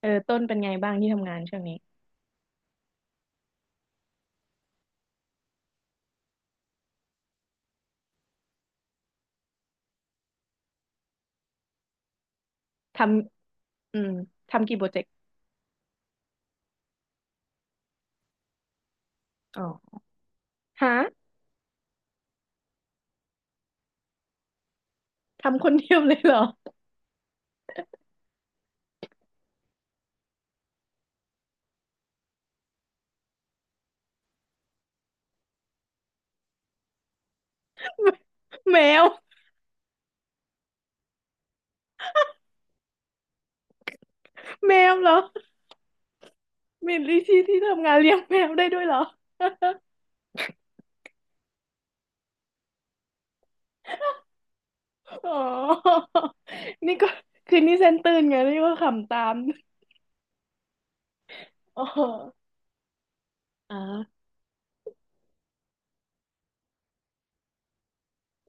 เออต้นเป็นไงบ้างที่ทำงานช่วงนี้ทำอืมทำกี่โปรเจกต์อ๋อฮะทำคนเดียวเลยเหรอ แมวแมวเหรอมีลิชี่ที่ทำงานเลี้ยงแมวได้ด้วยเหรออ๋อ นี่ก็คือนี่เซนตื่นไงนี่ก็ขำตาม อ๋ออ่า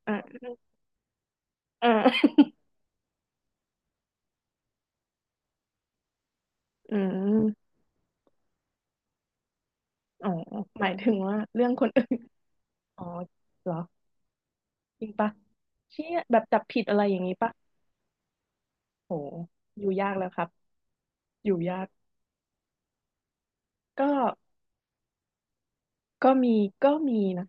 อ่าอ่า อืมอ๋อหมายถึงว่าเรื่องคนอื่น อ๋อเหรอจริงปะเชี่ยแบบจับผิดอะไรอย่างนี้ปะโหอยู่ยากแล้วครับอยู่ยากก็ ก็มีก็มีนะ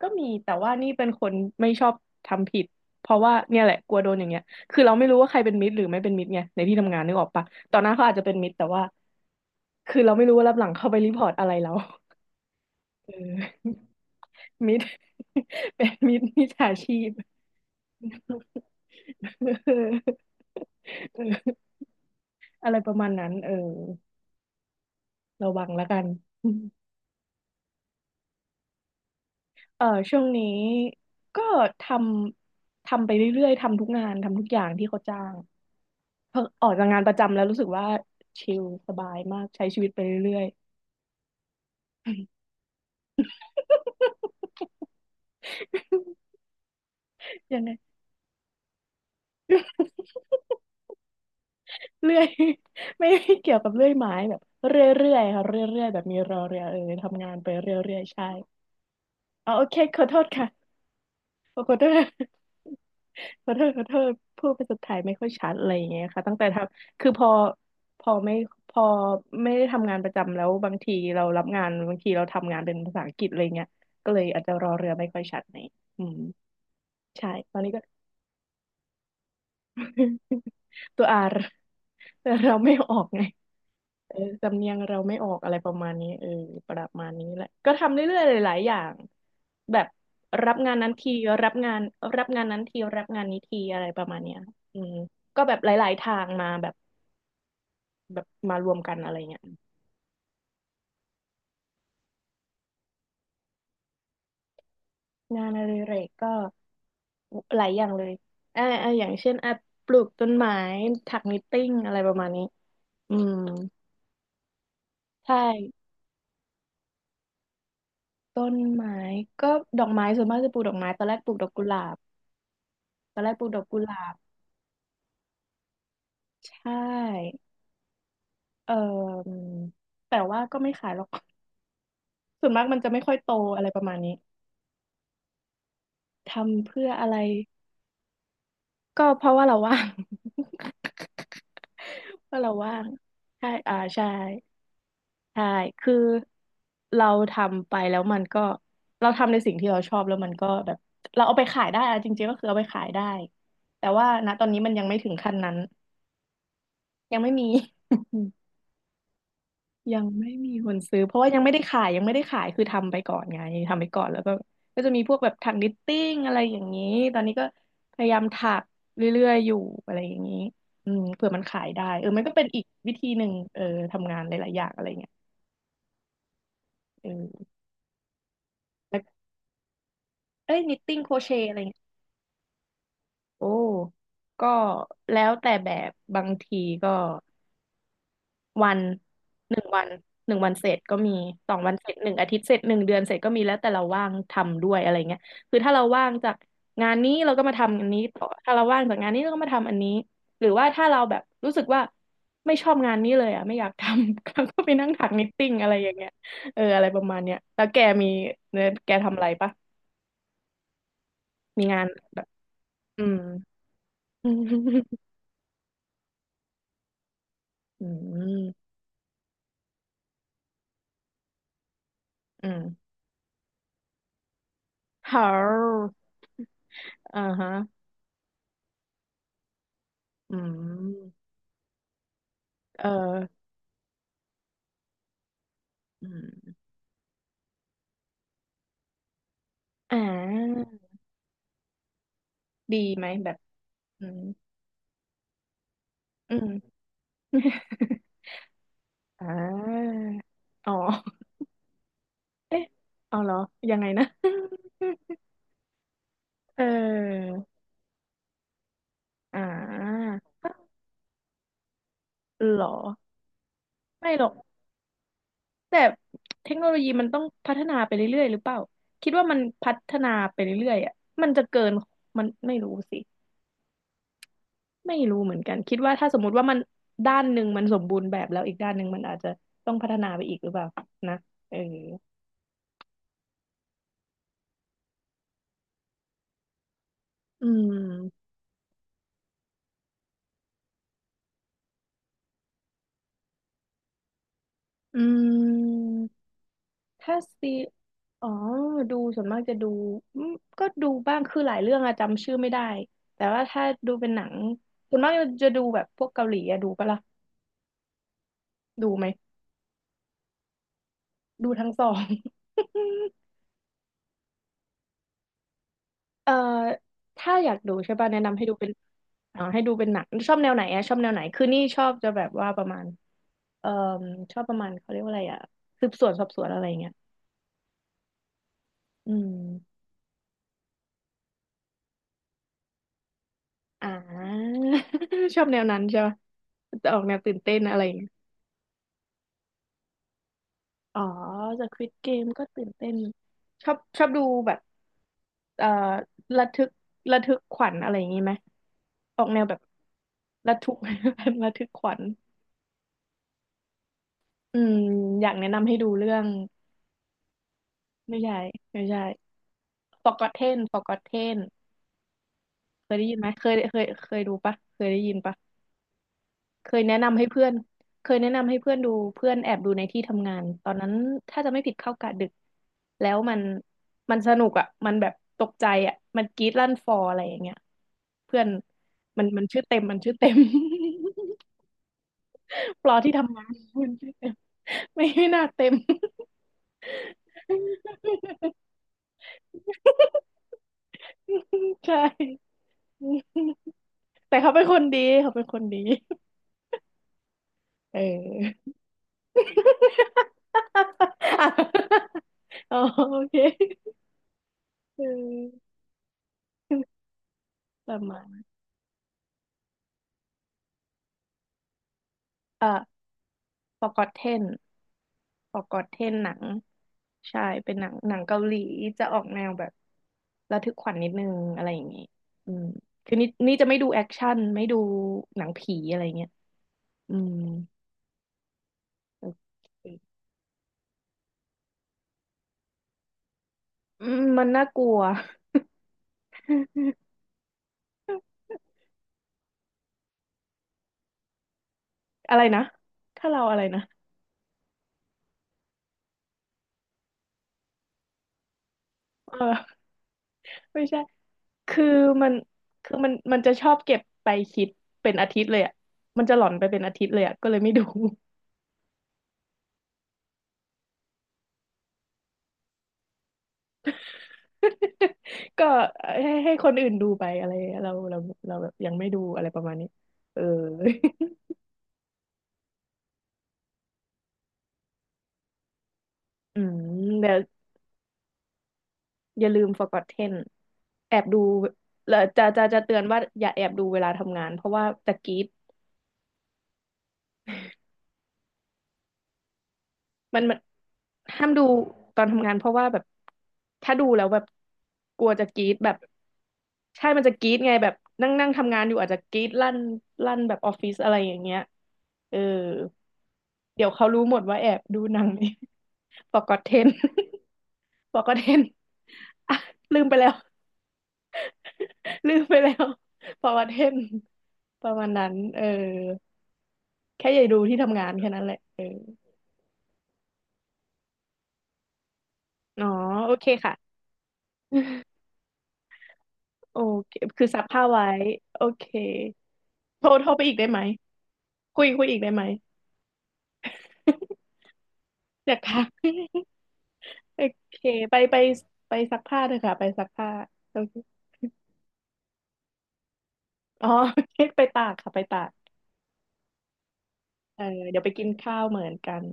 ก็มีแต่ว่านี่เป็นคนไม่ชอบทำผิดเพราะว่าเนี่ยแหละกลัวโดนอย่างเงี้ยคือเราไม่รู้ว่าใครเป็นมิตรหรือไม่เป็นมิตรไงในที่ทำงานนึกออกปะตอนนั้นเขาอาจจะเป็นมิตรแต่ว่าคือเราไม่รู้ว่ารับหลังเขาไปรีพอร์ตอะไรเรา เออมิตร เป็นมิตรมิจฉาชีพ เออ อะไรประมาณนั้นเออระวังแล้วกัน เออช่วงนี้ก็ททำไปเรื่อยๆทำทุกงานทำทุกอย่างที่เขาจ้างเพิ่งออกจากงานประจำแล้วรู้สึกว่าชิลสบายมากใช้ชีวิตไปเรื่อยๆ ยังไง เรื่อยไม่เกี่ยวกับเลื่อยไม้แบบเรื่อยๆค่ะเรื่อยๆแบบมีรอเรือเออทำงานไปเรื่อยๆใช่อ๋อโอเคขอโทษค่ะ ขอโทษ ขอโทษขอโทษพูดภาษาไทยไม่ค่อยชัดอะไรอย่างเงี้ยค่ะตั้งแต่ทำคือพอพอไม่พอไม่ได้ทำงานประจำแล้วบางทีเรารับงานบางทีเราทำงานเป็นภาษาอังกฤษอะไรเงี้ยก็เลยอาจจะรอเรือไม่ค่อยชัดหน่อยอืมใช่ตอนนี้ก็ ตัวอาแต่ เราไม่ออกไง เออสำเนียงเราไม่ออกอะไรประมาณนี้เออประมาณนี้แหละก็ทำเรื่อยๆหลายๆอย่างแบบรับงานนั้นทีรับงานรับงานนั้นทีรับงานนี้ทีอะไรประมาณเนี้ยอืมก็แบบหลายๆทางมาแบบมารวมกันอะไรเงี้ยงานอดิเรกก็หลายอย่างเลยอ่าอย่างเช่นอ่ะปลูกต้นไม้ถักนิตติ้งอะไรประมาณนี้อืมใช่ต้นไม้ก็ดอกไม้ส่วนมากจะปลูกดอกไม้ตอนแรกปลูกดอกกุหลาบตอนแรกปลูกดอกกุหลาบใช่ เอ่อแต่ว่าก็ไม่ขายหรอก ส่วนมากมันจะไม่ค่อยโตอะไรประมาณนี้ทำเพื่ออะไรก็เพราะว่าเราว่าง เพราะเราว่างใช่อ่าใช่ใช่คือเราทำไปแล้วมันก็เราทำในสิ่งที่เราชอบแล้วมันก็แบบเราเอาไปขายได้อะจริงๆก็คือเอาไปขายได้แต่ว่าณตอนนี้มันยังไม่ถึงขั้นนั้นยังไม่มี ยังไม่มีคนซื้อเพราะว่ายังไม่ได้ขายยังไม่ได้ขายคือทำไปก่อนไงทำไปก่อนแล้วก็จะมีพวกแบบถักนิตติ้งอะไรอย่างนี้ตอนนี้ก็พยายามถักเรื่อยๆอยู่อะไรอย่างนี้อืมเผื่อมันขายได้เออมันก็เป็นอีกวิธีหนึ่งเออทำงานหลายๆอย่างอะไรเงี้ยเออแล้วเอ้ยนิตติ้งโครเชต์อะไรเงี้ยโอ้ก็แล้วแต่แบบบางทีก็ วันหนึ่งวันเสร็จก็มีสองวันเสร็จหนึ่งอาทิตย์เสร็จหนึ่งเดือนเสร็จก็มีแล้วแต่เราว่างทำด้วยอะไรเงี้ยคือถ้าเราว่างจากงานนี้เราก็มาทำอันนี้ต่อถ้าเราว่างจากงานนี้เราก็มาทำอันนี้หรือว่าถ้าเราแบบรู้สึกว่าไม่ชอบงานนี้เลยอ่ะไม่อยากทำ ก็ไปนั่งถักนิตติ้งอะไรอย่างเงี้ยเอออะไรประมาณเนี้ยแล้วแกมีเนี่ยแกทำอะไรปะมีงานแบบอืม อืมอืมเฮาอ่าฮะอืมเออ อ่าดีไหมแบบอืมอืม อ่า อ๋อเอ๊ะเอาเหรอยังไงนะ เอออ่าเหรอไม่หรอกแต่เทคโนโลยีมันต้องพัฒนาไปเรื่อยๆหรือเปล่าคิดว่ามันพัฒนาไปเรื่อยๆอ่ะมันจะเกินมันไม่รู้สิไม่รู้เหมือนกันคิดว่าถ้าสมมติว่ามันด้านหนึ่งมันสมบูรณ์แบบแล้วอีกด้านหนึ่งมันอาจจะต้องพัฒนาไปอีกหรือเปล่านะเอออืมอืม ถ้าซีอ๋อดูส่วนมากจะดูอืมก็ดูบ้างคือหลายเรื่องอะจำชื่อไม่ได้ แต่ว่าถ้าดูเป็นหนังส่วนมากจะดูแบบพวกเกาหลีอะดูปะล่ะดูไหมดูทั้งสอง เอ่อถ้าอยากดูใช่ป่ะแนะนำให้ดูเป็นอ่าให้ดูเป็นหนังชอบแนวไหนอะชอบแนวไหนคือนี่ชอบจะแบบว่าประมาณเอ่อชอบประมาณเขาเรียกว่าอะไรอะสืบสวนสอบสวนอะไรอย่างเงี้ยอืมอ่า ชอบแนวนั้นใช่ป่ะจะออกแนวตื่นเต้นอะไรอย่างเงี้ย อ๋อ The Squid Game ก็ตื่นเต้นชอบชอบดูแบบเอ่อระทึกระทึกขวัญอะไรอย่างนี้ไหมออกแนวแบบระทึก ระทึกขวัญอืมอยากแนะนำให้ดูเรื่องไม่ใช่ไม่ใช่ Forgotten เคยได้ยินไหมเคยดูปะเคยได้ยินปะ เคยแนะนำให้เพื่อนเคยแนะนำให้เพื่อนดูเพื่อนแอบดูในที่ทำงานตอนนั้นถ้าจะไม่ผิดเข้ากะดึกแล้วมันสนุกอ่ะมันแบบตกใจอ่ะมันกรี๊ดลั่นฟออะไรอย่างเงี้ยเพื่อนมันชื่อเต็มมันชื่อเต็ม ปลอที่ทำงานมันชื่อเต็มไม่น่าเต็ม ใช่แต่เขาเป็นคนดีเขาเป็นคนดีเออ อ๋อโอเคเออประมาณเอ่อ Forgotten Forgotten หนังใช่เป็นหนังหนังเกาหลีจะออกแนวแบบระทึกขวัญนิดนึงอะไรอย่างงี้อืมคือนี่จะไม่ดูแอคชั่นไม่ดูหนังผีอะไรเงี้ยอืมโอเคอืมมันน่ากลัว อะไรนะถ้าเราอะไรนะเออไม่ใช่ คือมันคือมันจะชอบเก็บไปคิดเป็นอาทิตย์เลยอ่ะมันจะหลอนไปเป็นอาทิตย์เลยอ่ะก็เลยไม่ดู ก็ให้คนอื่นดูไปอะไรเราเราแบบยังไม่ดูอะไรประมาณนี้เออ อืมเดี๋ยวอย่าลืม Forgotten แอบดูแล้วจะเตือนว่าอย่าแอบดูเวลาทำงานเพราะว่าจะกรี๊ดมันห้ามดูตอนทำงานเพราะว่าแบบถ้าดูแล้วแบบกลัวจะกรี๊ดแบบ ใช่มันจะกรี๊ดไงแบบนั่งนั่งทำงานอยู่อาจจะกรี๊ดลั่นลั่นแบบออฟฟิศอะไรอย่างเงี้ยเออเดี๋ยวเขารู้หมดว่าแอบดูหนังนี้ ปอกอดเทน ปอกอดเทน อ่ะลืมไปแล้ว ลืมไปแล้ว ปอกอดเทนประมาณนั้นเออแค่อย่าดูที่ทำงานแค่นั้นแหละเอออ๋อโอเคค่ะโอเคคือซักผ้าไว้โอเคโทรไปอีกได้ไหมคุยอีกได้ไหม อยากทัก โอเคไปไปไปซักผ้าเถอะค่ะไปซักผ้าโอเคอ๋อ ไปตากค่ะไปตากเออเดี๋ยวไปกินข้าวเหมือนกัน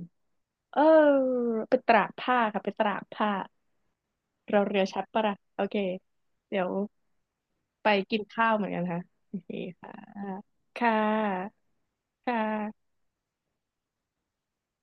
เออไปตากผ้าค่ะไปตากผ้าเราเรือชัดปะล่ะโอเคเดี๋ยวไปกินข้าวเหมือนกันค่ะโอเคค่ะค่ะค่ะ